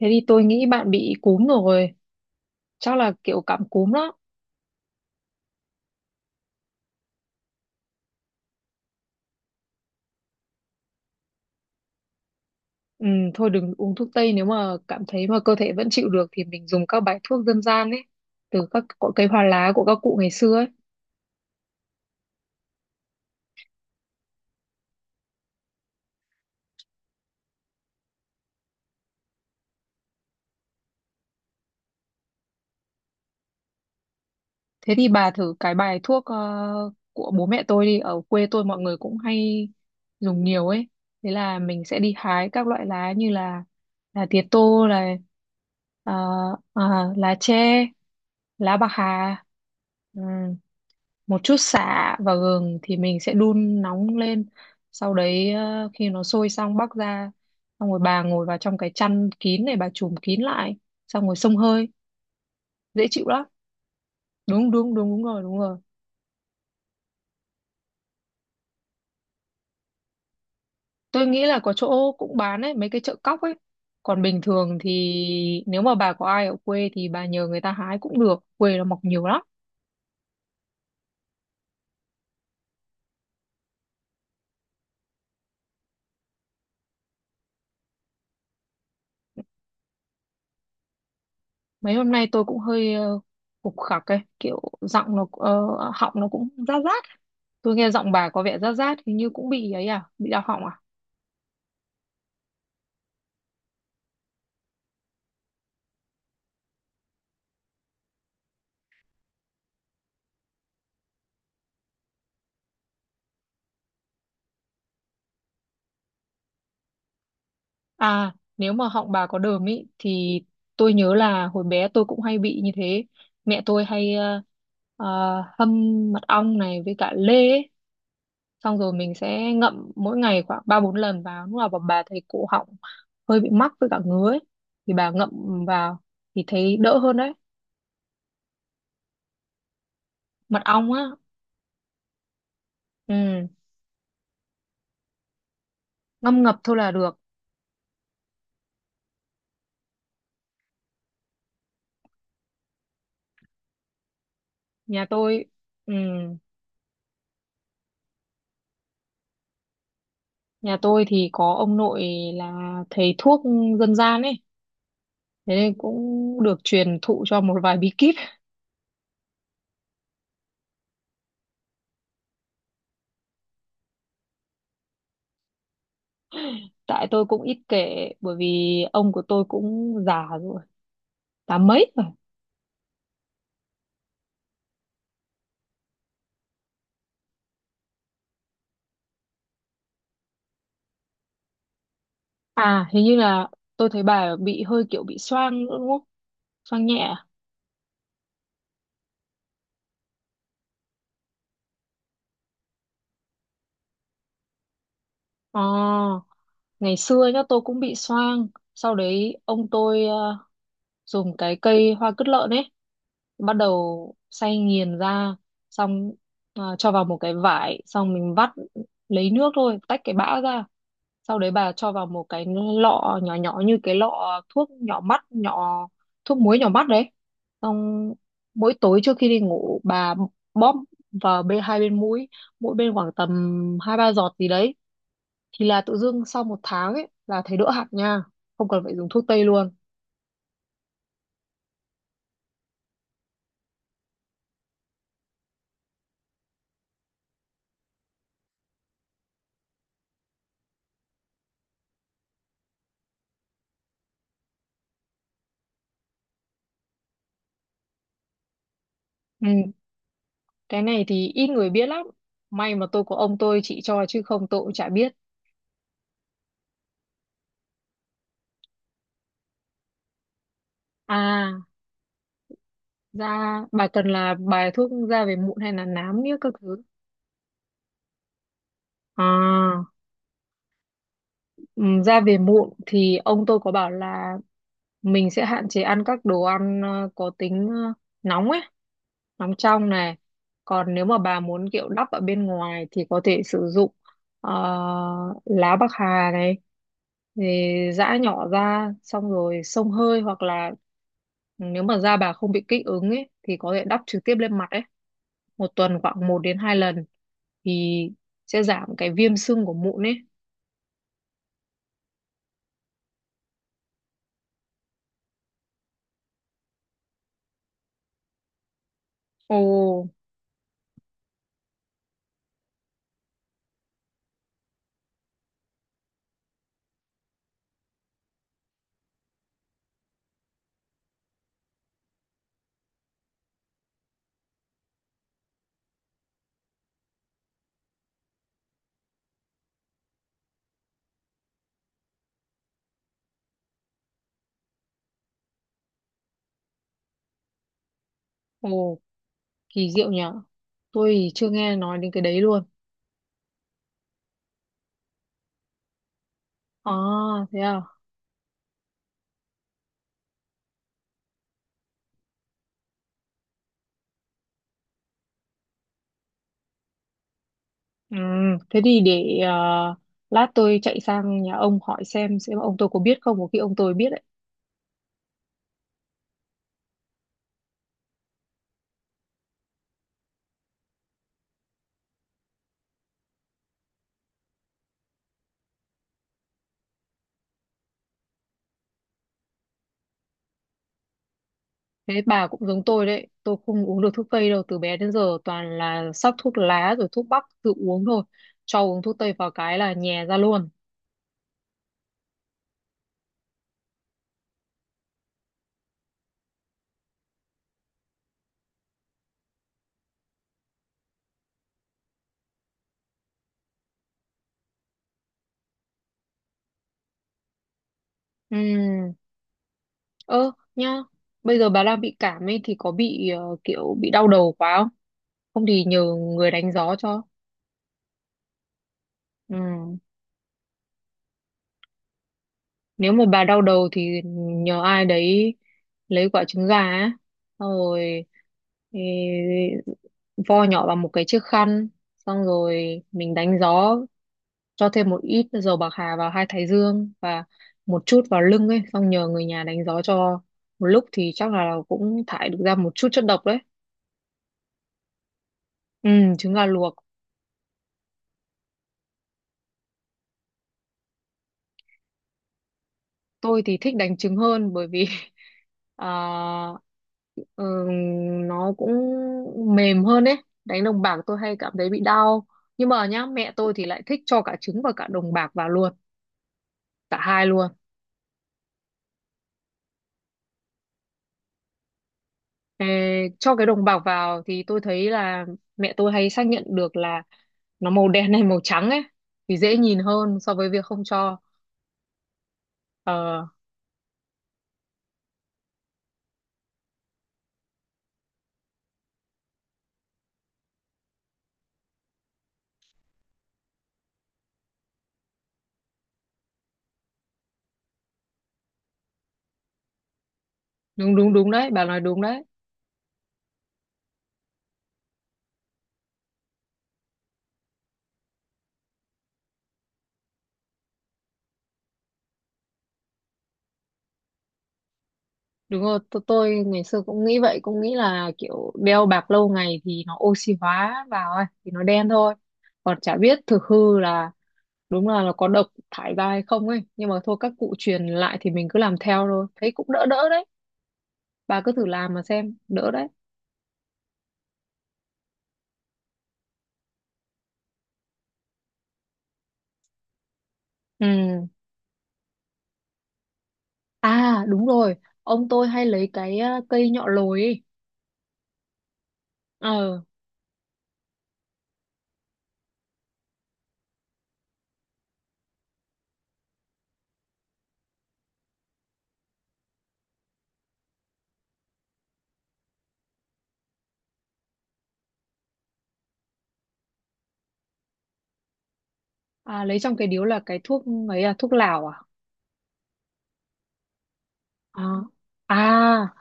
Thế thì tôi nghĩ bạn bị cúm rồi, chắc là kiểu cảm cúm đó. Ừ, thôi đừng uống thuốc tây nếu mà cảm thấy mà cơ thể vẫn chịu được thì mình dùng các bài thuốc dân gian ấy, từ các cỏ cây hoa lá của các cụ ngày xưa ấy. Thế thì bà thử cái bài thuốc của bố mẹ tôi đi, ở quê tôi mọi người cũng hay dùng nhiều ấy. Thế là mình sẽ đi hái các loại lá như là tía tô ờ, ờ, lá tre, lá bạc hà, ừ, một chút sả và gừng thì mình sẽ đun nóng lên. Sau đấy khi nó sôi xong bắc ra, xong rồi bà ngồi vào trong cái chăn kín này bà trùm kín lại, xong rồi xông hơi, dễ chịu lắm. Đúng đúng đúng đúng rồi đúng rồi. Tôi nghĩ là có chỗ cũng bán ấy, mấy cái chợ cóc ấy. Còn bình thường thì nếu mà bà có ai ở quê thì bà nhờ người ta hái cũng được. Quê nó mọc nhiều lắm. Mấy hôm nay tôi cũng hơi khục khặc ấy, kiểu giọng nó họng nó cũng rát rát. Tôi nghe giọng bà có vẻ rát rát hình như cũng bị ấy à, bị đau họng à? À, nếu mà họng bà có đờm ý thì tôi nhớ là hồi bé tôi cũng hay bị như thế. Mẹ tôi hay ờ, hâm mật ong này với cả lê ấy. Xong rồi mình sẽ ngậm mỗi ngày khoảng ba bốn lần vào lúc nào mà bà thấy cổ họng hơi bị mắc với cả ngứa ấy, thì bà ngậm vào thì thấy đỡ hơn đấy. Mật ong á. Ừ, ngâm ngập thôi là được. Nhà tôi, ừ, nhà tôi thì có ông nội là thầy thuốc dân gian ấy, thế nên cũng được truyền thụ cho một vài bí kíp. Tại tôi cũng ít kể bởi vì ông của tôi cũng già rồi, tám mấy rồi. À hình như là tôi thấy bà bị hơi kiểu bị xoang nữa đúng không, xoang nhẹ à? Ờ, ngày xưa nhá tôi cũng bị xoang. Sau đấy ông tôi dùng cái cây hoa cứt lợn ấy, bắt đầu xay nghiền ra, xong cho vào một cái vải xong mình vắt lấy nước thôi tách cái bã ra, sau đấy bà cho vào một cái lọ nhỏ nhỏ như cái lọ thuốc nhỏ mắt nhỏ, thuốc muối nhỏ mắt đấy, xong mỗi tối trước khi đi ngủ bà bóp vào bên hai bên mũi, mỗi bên khoảng tầm hai ba giọt gì đấy, thì là tự dưng sau một tháng ấy là thấy đỡ hẳn nha, không cần phải dùng thuốc tây luôn. Ừ. Cái này thì ít người biết lắm, may mà tôi có ông tôi chỉ cho chứ không tôi cũng chả biết. À, da bà cần là bài thuốc da về mụn hay là nám nghĩa các thứ? À. Ừ, ra về muộn thì ông tôi có bảo là mình sẽ hạn chế ăn các đồ ăn có tính nóng ấy, nóng trong này. Còn nếu mà bà muốn kiểu đắp ở bên ngoài thì có thể sử dụng ờ, lá bạc hà này, thì giã nhỏ ra xong rồi xông hơi hoặc là nếu mà da bà không bị kích ứng ấy thì có thể đắp trực tiếp lên mặt ấy, một tuần khoảng một đến 2 lần thì sẽ giảm cái viêm sưng của mụn ấy. Ồ, ồ. Kỳ diệu nhở. Tôi thì chưa nghe nói đến cái đấy luôn. À, thế à? Ừ, thế thì để lát tôi chạy sang nhà ông hỏi xem ông tôi có biết không, có khi ông tôi biết đấy. Thế bà cũng giống tôi đấy, tôi không uống được thuốc tây đâu, từ bé đến giờ toàn là sắc thuốc lá rồi thuốc bắc tự uống thôi. Cho uống thuốc tây vào cái là nhè ra luôn. Ừ, ơ nhá, bây giờ bà đang bị cảm ấy thì có bị kiểu bị đau đầu quá không? Không thì nhờ người đánh gió cho. Ừ. Nếu mà bà đau đầu thì nhờ ai đấy lấy quả trứng gà á, xong rồi ê, vo nhỏ vào một cái chiếc khăn, xong rồi mình đánh gió, cho thêm một ít dầu bạc hà vào hai thái dương và một chút vào lưng ấy, xong nhờ người nhà đánh gió cho một lúc thì chắc là cũng thải được ra một chút chất độc đấy. Ừ, trứng gà luộc. Tôi thì thích đánh trứng hơn bởi vì à, ờ, nó cũng mềm hơn ấy, đánh đồng bạc tôi hay cảm thấy bị đau. Nhưng mà nhá mẹ tôi thì lại thích cho cả trứng và cả đồng bạc vào luôn, cả hai luôn. Ê, cho cái đồng bạc vào thì tôi thấy là mẹ tôi hay xác nhận được là nó màu đen hay màu trắng ấy thì dễ nhìn hơn so với việc không cho. Ờ đúng đúng đúng đấy bà nói đúng đấy. Đúng rồi, tôi ngày xưa cũng nghĩ vậy, cũng nghĩ là kiểu đeo bạc lâu ngày thì nó oxy hóa vào ấy thì nó đen thôi, còn chả biết thực hư là đúng là nó có độc thải ra hay không ấy, nhưng mà thôi các cụ truyền lại thì mình cứ làm theo thôi thấy cũng đỡ đỡ đấy. Bà cứ thử làm mà xem đỡ đấy. Ừ. À đúng rồi, ông tôi hay lấy cái cây nhọ lồi ấy. Ờ. À, lấy trong cái điếu là cái thuốc ấy à, thuốc lào à? À, à,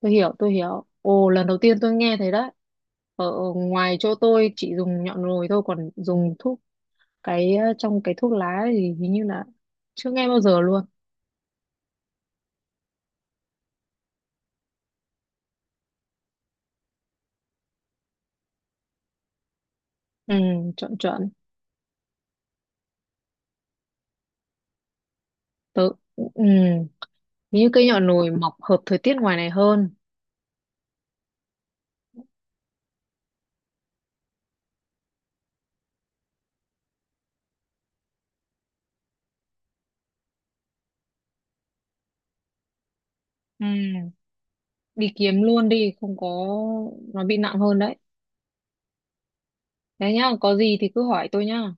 tôi hiểu tôi hiểu, ồ lần đầu tiên tôi nghe thấy đấy. Ở ở ngoài chỗ tôi chỉ dùng nhọ rồi thôi, còn dùng thuốc cái trong cái thuốc lá thì hình như là chưa nghe bao giờ luôn. Ừ, chuẩn chuẩn. Tớ, ừ, như cây nhỏ nổi mọc hợp thời tiết ngoài này hơn. Ừ. Đi kiếm luôn đi, không có nó bị nặng hơn đấy. Thế nhá, có gì thì cứ hỏi tôi nhá.